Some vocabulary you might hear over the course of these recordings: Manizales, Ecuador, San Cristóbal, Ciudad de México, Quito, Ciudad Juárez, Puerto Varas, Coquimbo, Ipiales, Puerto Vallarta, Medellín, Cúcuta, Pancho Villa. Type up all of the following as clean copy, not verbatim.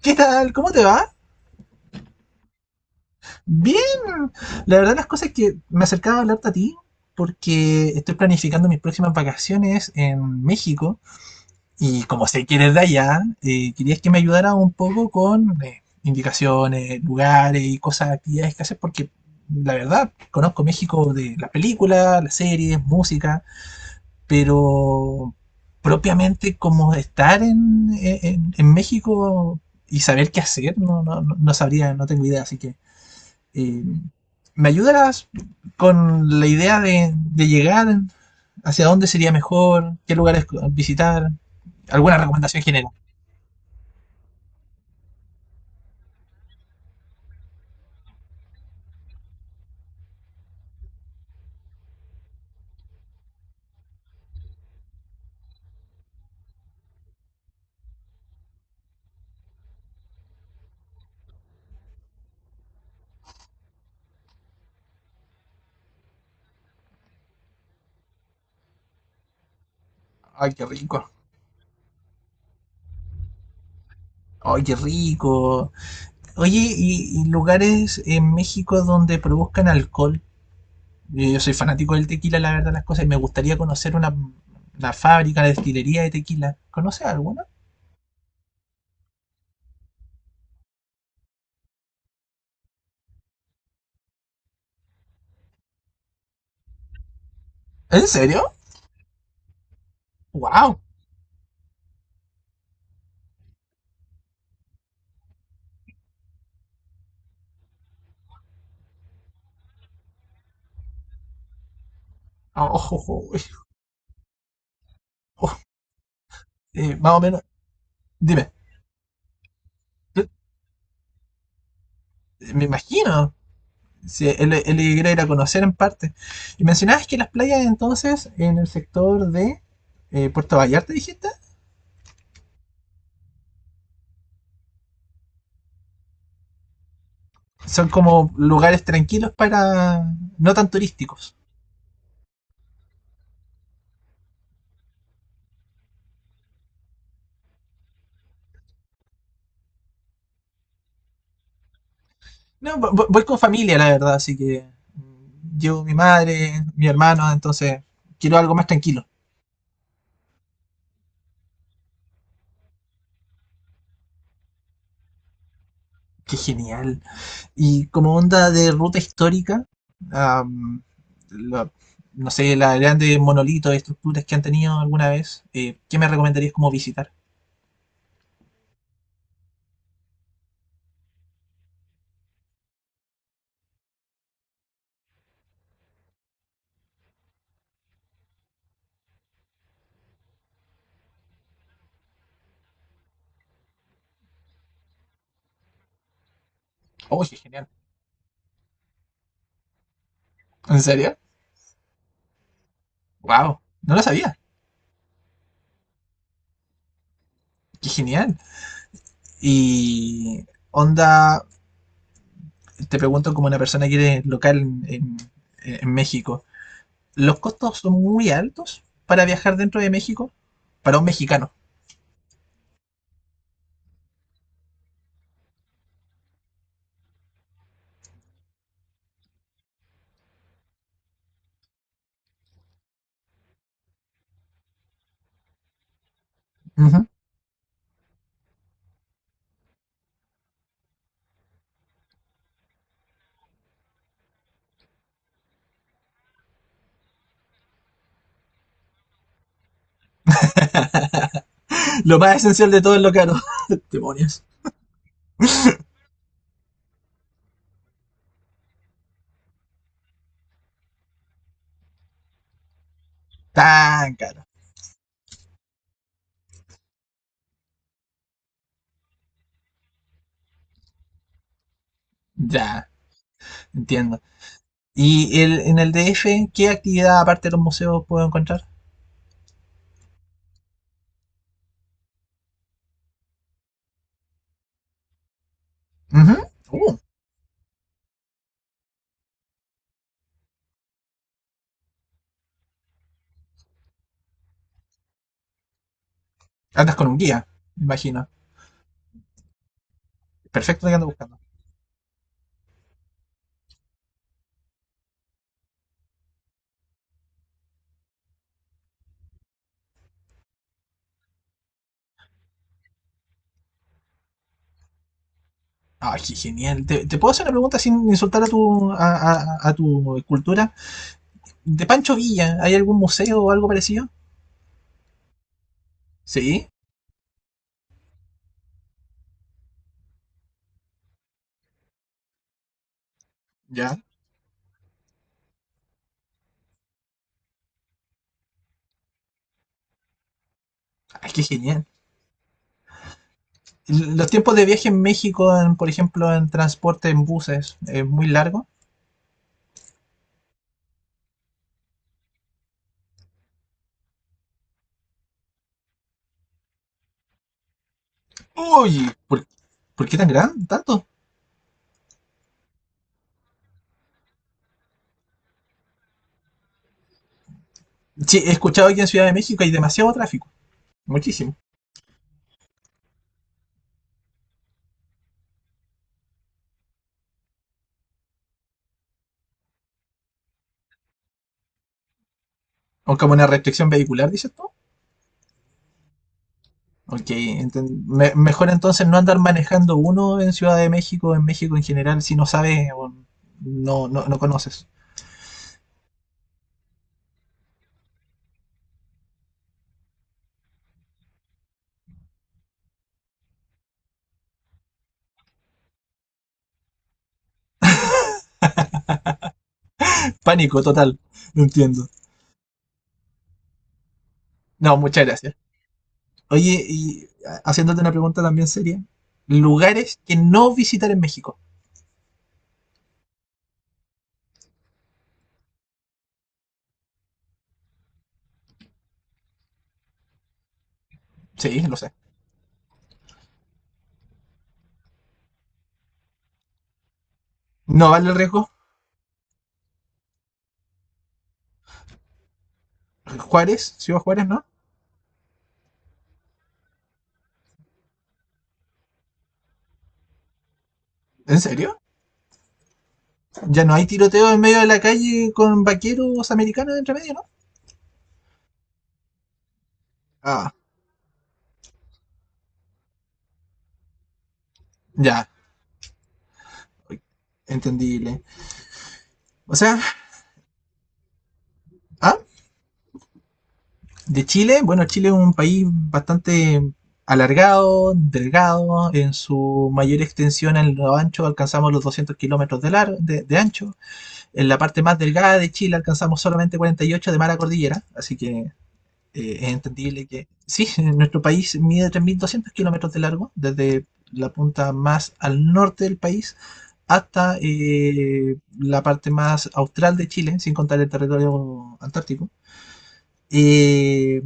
¿Qué tal? ¿Cómo te va? Bien. La verdad las cosas es que me acercaba a hablarte a ti porque estoy planificando mis próximas vacaciones en México y como sé que eres de allá, querías que me ayudara un poco con indicaciones, lugares y cosas, actividades que hacer porque la verdad conozco México de las películas, las series, música, pero propiamente como estar en México y saber qué hacer, no sabría, no tengo idea, así que Eh, ¿Me ayudarás con la idea de llegar? ¿Hacia dónde sería mejor? ¿Qué lugares visitar? ¿Alguna recomendación general? Ay, qué rico. Ay, qué rico. Oye, y lugares en México donde produzcan alcohol? Yo soy fanático del tequila, la verdad, las cosas, y me gustaría conocer una fábrica, una destilería de tequila. ¿Conoces alguna? ¿En serio? ¡Wow! Oh, oh, oh, oh. Más o menos. Dime. Eh, me imagino. Sí, él quería ir a conocer en parte. Y mencionabas que las playas entonces en el sector de Puerto Vallarta, dijiste, son como lugares tranquilos para no tan turísticos. No, voy con familia, la verdad, así que llevo mi madre, mi hermano, entonces quiero algo más tranquilo. Qué genial. Y como onda de ruta histórica, am, la- no sé, las grandes monolitos, estructuras que han tenido alguna vez, ¿qué me recomendarías como visitar? Oh, qué genial. ¿En serio? ¡Wow! No lo sabía. ¡Qué genial! Y onda, te pregunto como una persona que eres local en México, ¿los costos son muy altos para viajar dentro de México? Para un mexicano. Ujú. Lo más esencial de todo es lo caro. Demonios. Tan caro. Ya, entiendo. En el DF, qué actividad aparte de los museos puedo encontrar? Ujú. Uh, Andas con un guía, me imagino. Perfecto lo que ando buscando. Ay, genial. Te puedo hacer una pregunta sin insultar a tu cultura? De Pancho Villa, ¿hay algún museo o algo parecido? Sí, ya. Ay, qué genial. Los tiempos de viaje en México, por ejemplo, en transporte en buses, es muy largo. Uy, por qué tan grande? ¿Tanto? Sí, he escuchado que en Ciudad de México hay demasiado tráfico. Muchísimo. O como una restricción vehicular, dices tú. Ok, mejor entonces no andar manejando uno en Ciudad de México, en México en general, si no sabes o no conoces. Pánico total, lo entiendo. No, muchas gracias. Oye, y haciéndote una pregunta también seria, lugares que no visitar en México. Sí, lo sé. ¿No vale el riesgo? Juárez, Ciudad Juárez, ¿no? ¿En serio? Ya no hay tiroteo en medio de la calle con vaqueros americanos entre medio, ¿no? Ah, ya, entendible. O sea, ¿ah? De Chile, bueno, Chile es un país bastante alargado, delgado, en su mayor extensión en lo ancho alcanzamos los 200 kilómetros de ancho, en la parte más delgada de Chile alcanzamos solamente 48 de mar a cordillera, así que es entendible que sí, nuestro país mide 3200 kilómetros de largo, desde la punta más al norte del país hasta la parte más austral de Chile, sin contar el territorio antártico. eh,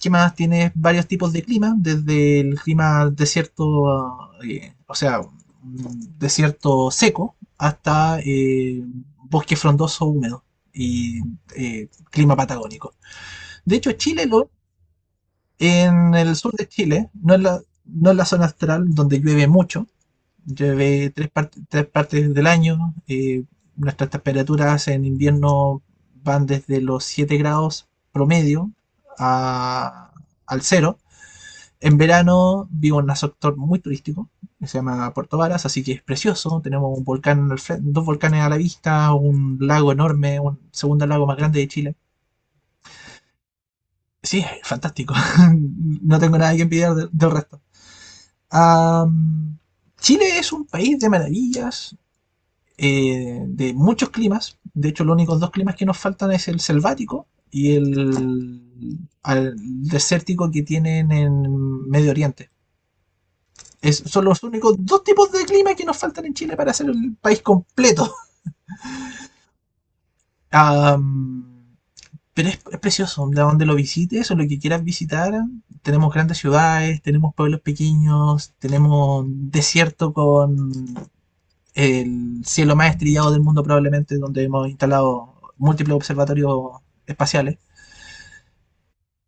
¿Qué más? Tienes varios tipos de clima, desde el clima desierto, o sea, desierto seco, hasta bosque frondoso húmedo y clima patagónico. De hecho, Chile, en el sur de Chile, no en la zona astral donde llueve mucho. Llueve tres partes del año. Nuestras temperaturas en invierno van desde los 7 grados promedio a- al cero. En verano vivo en un sector muy turístico, que se llama Puerto Varas, así que es precioso. Tenemos un volcán dos volcanes a la vista, un lago enorme, un segundo lago más grande de Chile. Sí, es fantástico. No tengo nada que envidiar del resto. Am, Chile es un país de maravillas. De muchos climas. De hecho, los únicos dos climas que nos faltan es el selvático y al desértico que tienen en Medio Oriente. Son los únicos dos tipos de clima que nos faltan en Chile para hacer el país completo. Um, pero es precioso, de donde lo visites o lo que quieras visitar, tenemos grandes ciudades, tenemos pueblos pequeños, tenemos desierto con el cielo más estrellado del mundo probablemente, donde hemos instalado múltiples observatorios espaciales.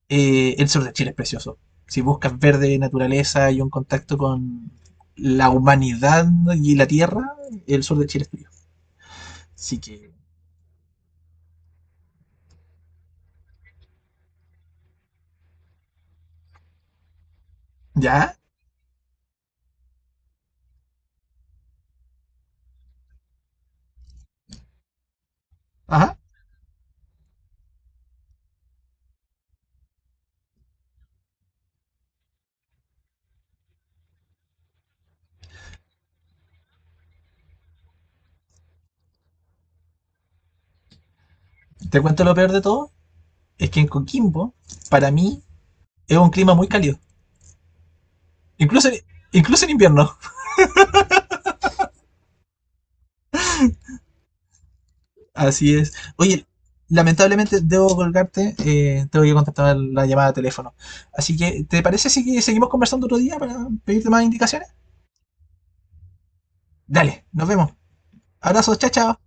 El sur de Chile es precioso. Si buscas verde, naturaleza y un contacto con la humanidad y la tierra, el sur de Chile es tuyo. Así que, ya, ajá. Te cuento lo peor de todo, es que en Coquimbo, para mí, es un clima muy cálido. Incluso, incluso en invierno. Así es. Oye, lamentablemente debo colgarte, tengo que contestar la llamada de teléfono. Así que, ¿te parece si seguimos conversando otro día para pedirte más indicaciones? Dale, nos vemos. Abrazos, chao, chao.